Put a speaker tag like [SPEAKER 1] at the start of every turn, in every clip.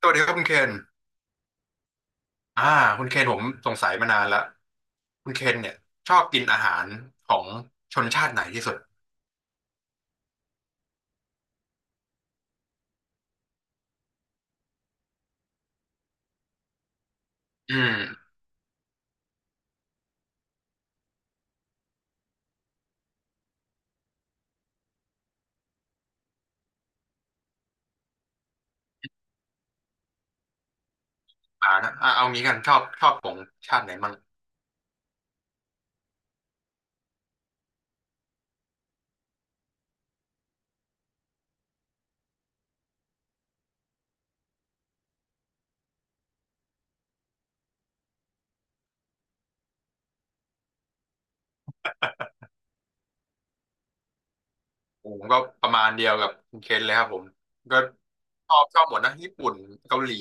[SPEAKER 1] สวัสดีครับคุณเคนอ่าคุณเคนผมสงสัยมานานละคุณเคนเนี่ยชอบกินอาหารของชนชาติไหนที่สุดอืมอ่านะอ่าเอางี้กันชอบของชาติไหนมั่งผมก็ประมาณเดียวกับคุณเคนเลยครับผมก็ชอบหมดนะญี่ปุ่นเกาหลี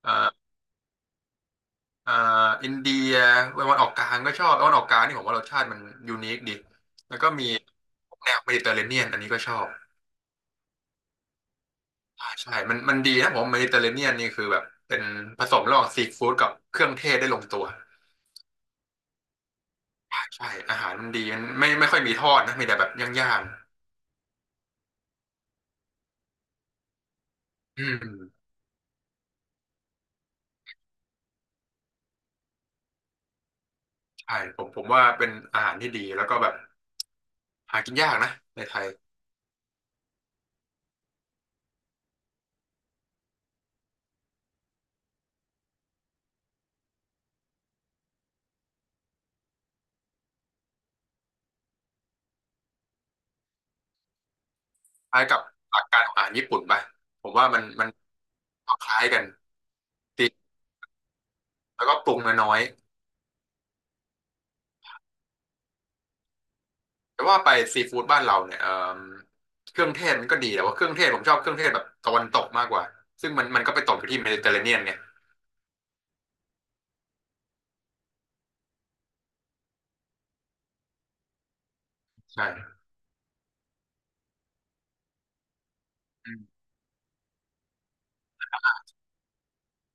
[SPEAKER 1] เอ่อเอ่ออินเดียตะวันออกกลางก็ชอบตะวันออกกลางนี่ผมว่ารสชาติมันยูนิคดีแล้วก็มีแนวเมดิเตอร์เรเนียนอันนี้ก็ชอบ ใช่มันดีนะผมเมดิเตอร์เรเนียนนี่คือแบบเป็นผสมระหว่างซีฟู้ดกับเครื่องเทศได้ลงตัวใช่อาหารมันดีมันไม่ค่อยมีทอดนะมีแต่แบบย่างๆอืมใช่ผมว่าเป็นอาหารที่ดีแล้วก็แบบหากินยากนะในไทยคล้ายกับหลักการของอาหารญี่ปุ่นไปผมว่ามันคล้ายกันตีแล้วก็ปรุงน้อยๆแต่ว่าไปซีฟู้ดบ้านเราเนี่ยเอ่มเครื่องเทศมันก็ดีแต่ว่าเครื่องเทศผมชอบเครื่องเทศแบบตะวันตกมากกว่าซึ่งมันก็ไปตกอยู่ที่เมดิเตอร์เรเนียนไงใช่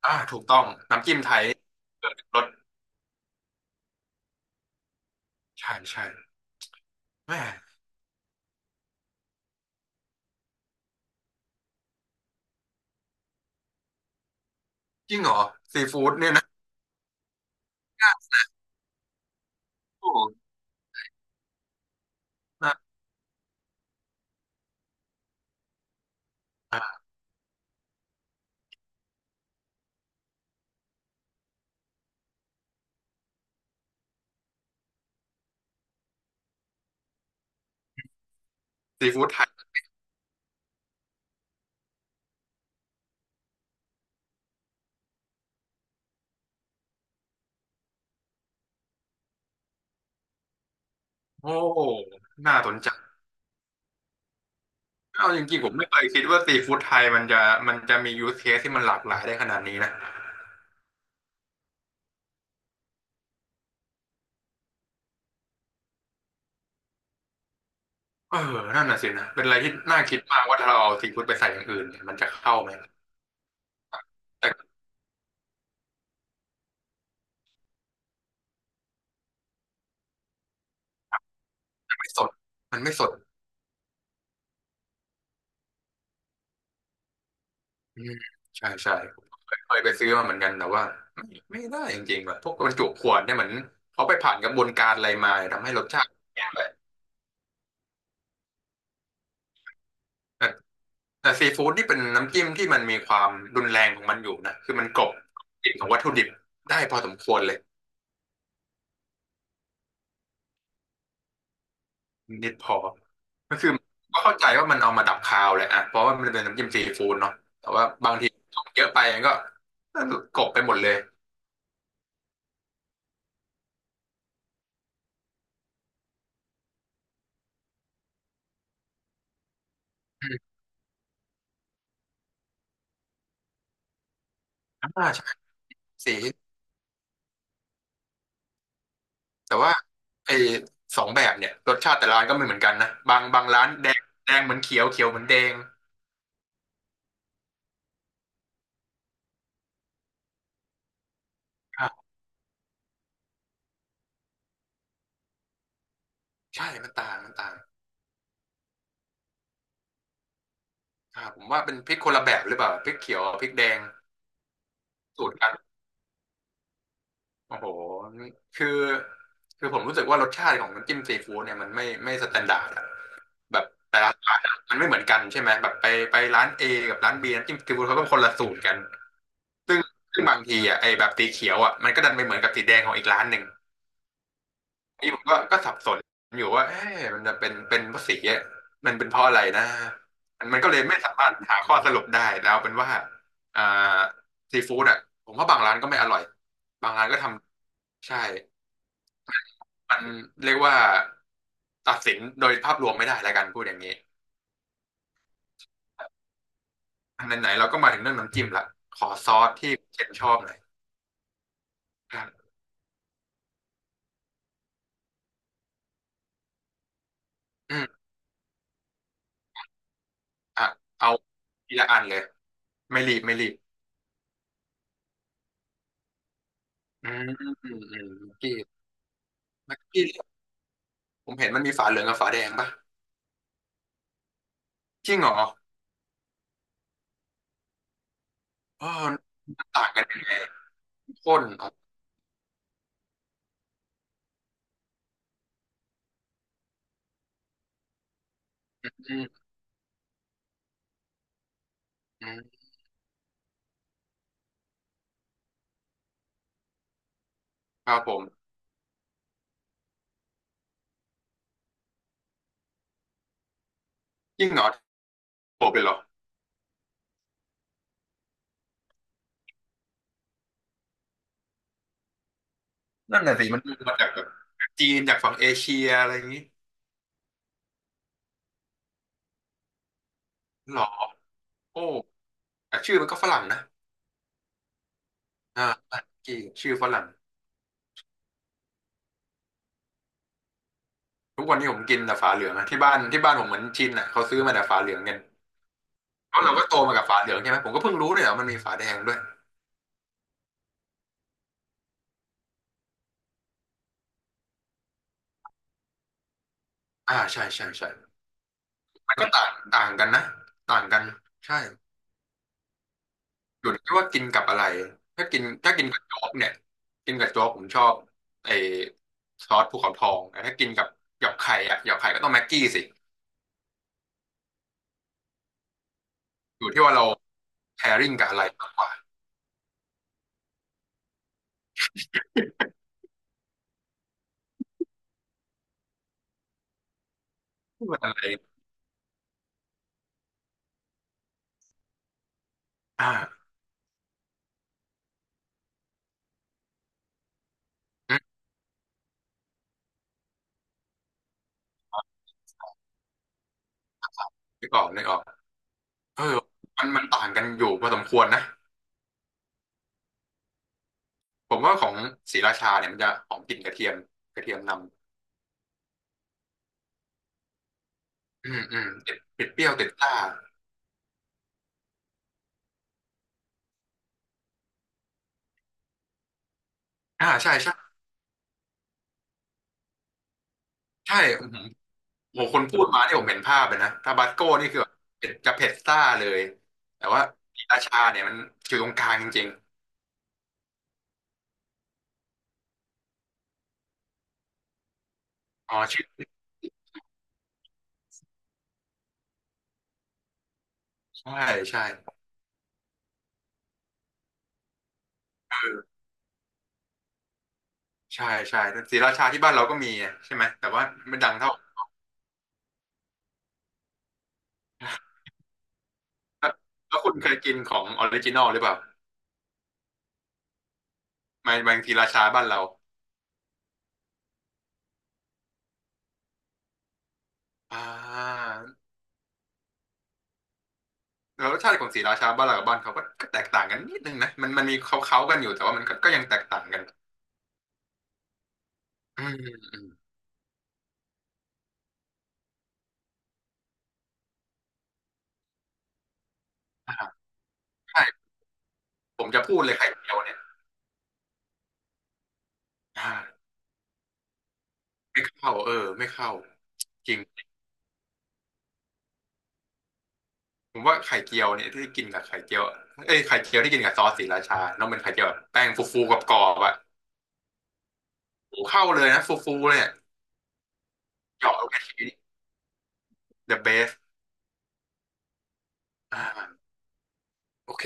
[SPEAKER 1] อ่าถูกต้องน้ำจิ้มไทยเกิดรสใช่ใช่แม่จริงเหรอซีฟู้ดเนี่ยนะโอ้น่าอ่าซีฟู้ดไทยโอ้น่าสนใจเอาจริงๆผมไม่เคยคิดว่าซีฟู้ดไทยมันจะมียูสเคสที่มันหลากหลายได้ขนาดนี้นะเออนั่นน่ะสินะเป็นอะไรที่น่าคิดมากว่าถ้าเราเอาซีฟู้ดไปใส่อย่างอื่นเนี่ยมันจะเข้าไหมแต่มันไม่สดมันไม่สดอืมใช่ใช่ เคยไปซื้อมาเหมือนกันแต่ว่าไม่ได้จริงๆแบบพวกบรรจุขวดเนี่ยเหมือนเขาไปผ่านกระบวนการอะไรมาทำให้รสชาติแย่ไปแต่แต่ซีฟู้ดนี่เป็นน้ำจิ้มที่มันมีความรุนแรงของมันอยู่นะคือมันกลบกลิ่นของวัตถุดิบได้พอสมควรเลยนิดพอก็คือก็เข้าใจว่ามันเอามาดับคาวแหละอ่ะเพราะว่ามันเป็นน้ำจิ้มซีฟู้ดเนาะแต่ว่าบางทีเยอะไปมันก็กลบไปหมดเลยอมอ่าใช่ส แต่ว่าไอ้สองแบบเนี่ยรสชาติแต่ละร้านก็ไม่เหมือนกันนะบางร้านแดงแดงเหมือนเขียวเขียวเหมือนแดงครับใช่มันต่างมันต่างครับผมว่าเป็นพริกคนละแบบหรือเปล่าพริกเขียวกับพริกแดงสูตรกันโอ้โหคือคือผมรู้สึกว่ารสชาติของน้ำจิ้มซีฟู้ดเนี่ยมันไม่สแตนดาร์ดอะแบบแต่ละร้านอะมันไม่เหมือนกันใช่ไหมแบบไปไปร้าน A กับร้าน B น้ำจิ้มซีฟู้ดเขาก็คนละสูตรกันซึ่งซึ่งบางทีอ่ะไอ้แบบสีเขียวอ่ะมันก็ดันไปเหมือนกับสีแดงของอีกร้านหนึ่ง นี่ผมก็ก็สับสนอยู่ว่าเอ๊ะมันจะเป็นเพราะสีอะมันเป็นเพราะอะไรนะมันก็เลยไม่สามารถหาข้อสรุปได้แล้วเป็นว่าอ่าซีฟู้ดอ่ะผมว่าบางร้านก็ไม่อร่อยบางร้านก็ทำใช่มันเรียกว่าตัดสินโดยภาพรวมไม่ได้แล้วกันพูดอย่างนี้อันไหนๆเราก็มาถึงเรื่องน้ำจิ้มละขอซอสที่เชนชอบหน่อยครับอืมอ่ะเอาทีละอันเลยไม่รีบไม่รีบอืมอืมอืมเมื่อกี้เมื่อกี้ ผมเห็นมันมีฝาเหลืองกับฝาแดงปะจริงเหรออ๋อมันต่างกันยังไงข้นอ๋ออืมอืมครับผมจริงเหรอโผล่ไปเหรอนั่นน่ะสิมันมาจากแบบจีนจากฝั่งเอเชียอะไรอย่างนี้ หรอโอ้แต่ชื่อมันก็ฝรั่งนะอ่าจีชื่อฝรั่งทุกวันนี้ผมกินแต่ฝาเหลืองอะที่บ้านที่บ้านผมเหมือนชินอ่ะเขาซื้อมาแต่ฝาเหลืองกันเพราะเราก็โตมากับฝาเหลืองใช่ไหมผมก็เพิ่งรู้เลยว่ามันมีฝาแดงด้วยอ่าใช่ใช่ใช่มันก็ต่างต่างกันนะ ต่างกันใช่ อยู่ที่ว่ากินกับอะไรถ้ากินถ้ากินกับโจ๊กเนี่ยกินกับโจ๊กผมชอบไอ้ซอสภูเขาทองแต่ถ้ากินกับหยอกไข่อะหยอกไข่ก็ต้องแม็กกี้สิอยู่ที่ว่าเราแพ i ริ n งกับอะไรมากกว่าพูดว่าอะไรอ่าอืมนึกออกนึกออกเออมันต่างกันอยู่พอสมควรนะผมว่าของศรีราชาเนี่ยมันจะหอมกลิ่นกระเทียมกระเทียมนำอืมอืมติดเปรี้ยวติดซ่าอ่าใช่ใช่ใช่อืม โอ้คนพูดมาที่ผมเห็นภาพเลยนะทาบาสโก้นี่คือแบบเผ็ดจะเผ็ดซ่าเลยแต่ว่าศรีราชาเนี่ยมันอยู่ตรงกลางจริงๆอ๋อชื่อใช่ใช่ใช่ใช่ศรีราชาที่บ้านเราก็มีใช่ไหมแต่ว่าไม่ดังเท่าแล้วแล้วคุณเคยกินของออริจินอลหรือเปล่าไมับางศรีราชาบ้านเราอ่าแล้วรสชาติของศรีราชาบ้านเรากับบ้านเขาก็ก็แตกต่างกันนิดนึงนะมันมันมีเขาเขากันอยู่แต่ว่ามันก็ก็ยังแตกต่างกันอืมอืมอ่าใช่ผมจะพูดเลยไข่เจียวเนี่ยอ่าไม่เข้าเออไม่เข้าจริง ผมว่าไข่เจียวเนี่ยที่กินกับไข่เจียวเอ้ยไข่เจียวที่กินกับซอสศรีราชาแล้วมันไข่เจียวแบบแป้งฟูๆกับกรอบๆอะโอ้เข้าเลยนะฟูๆเลยอะเหยาะลงไปทีนี้ the best อ่าโอเค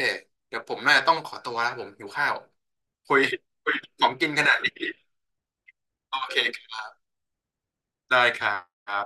[SPEAKER 1] เดี๋ยวผมน่าจะต้องขอตัวแล้วผมหิวข้าวคุยคุยของกินขนาดนี้โอเคได้ครับ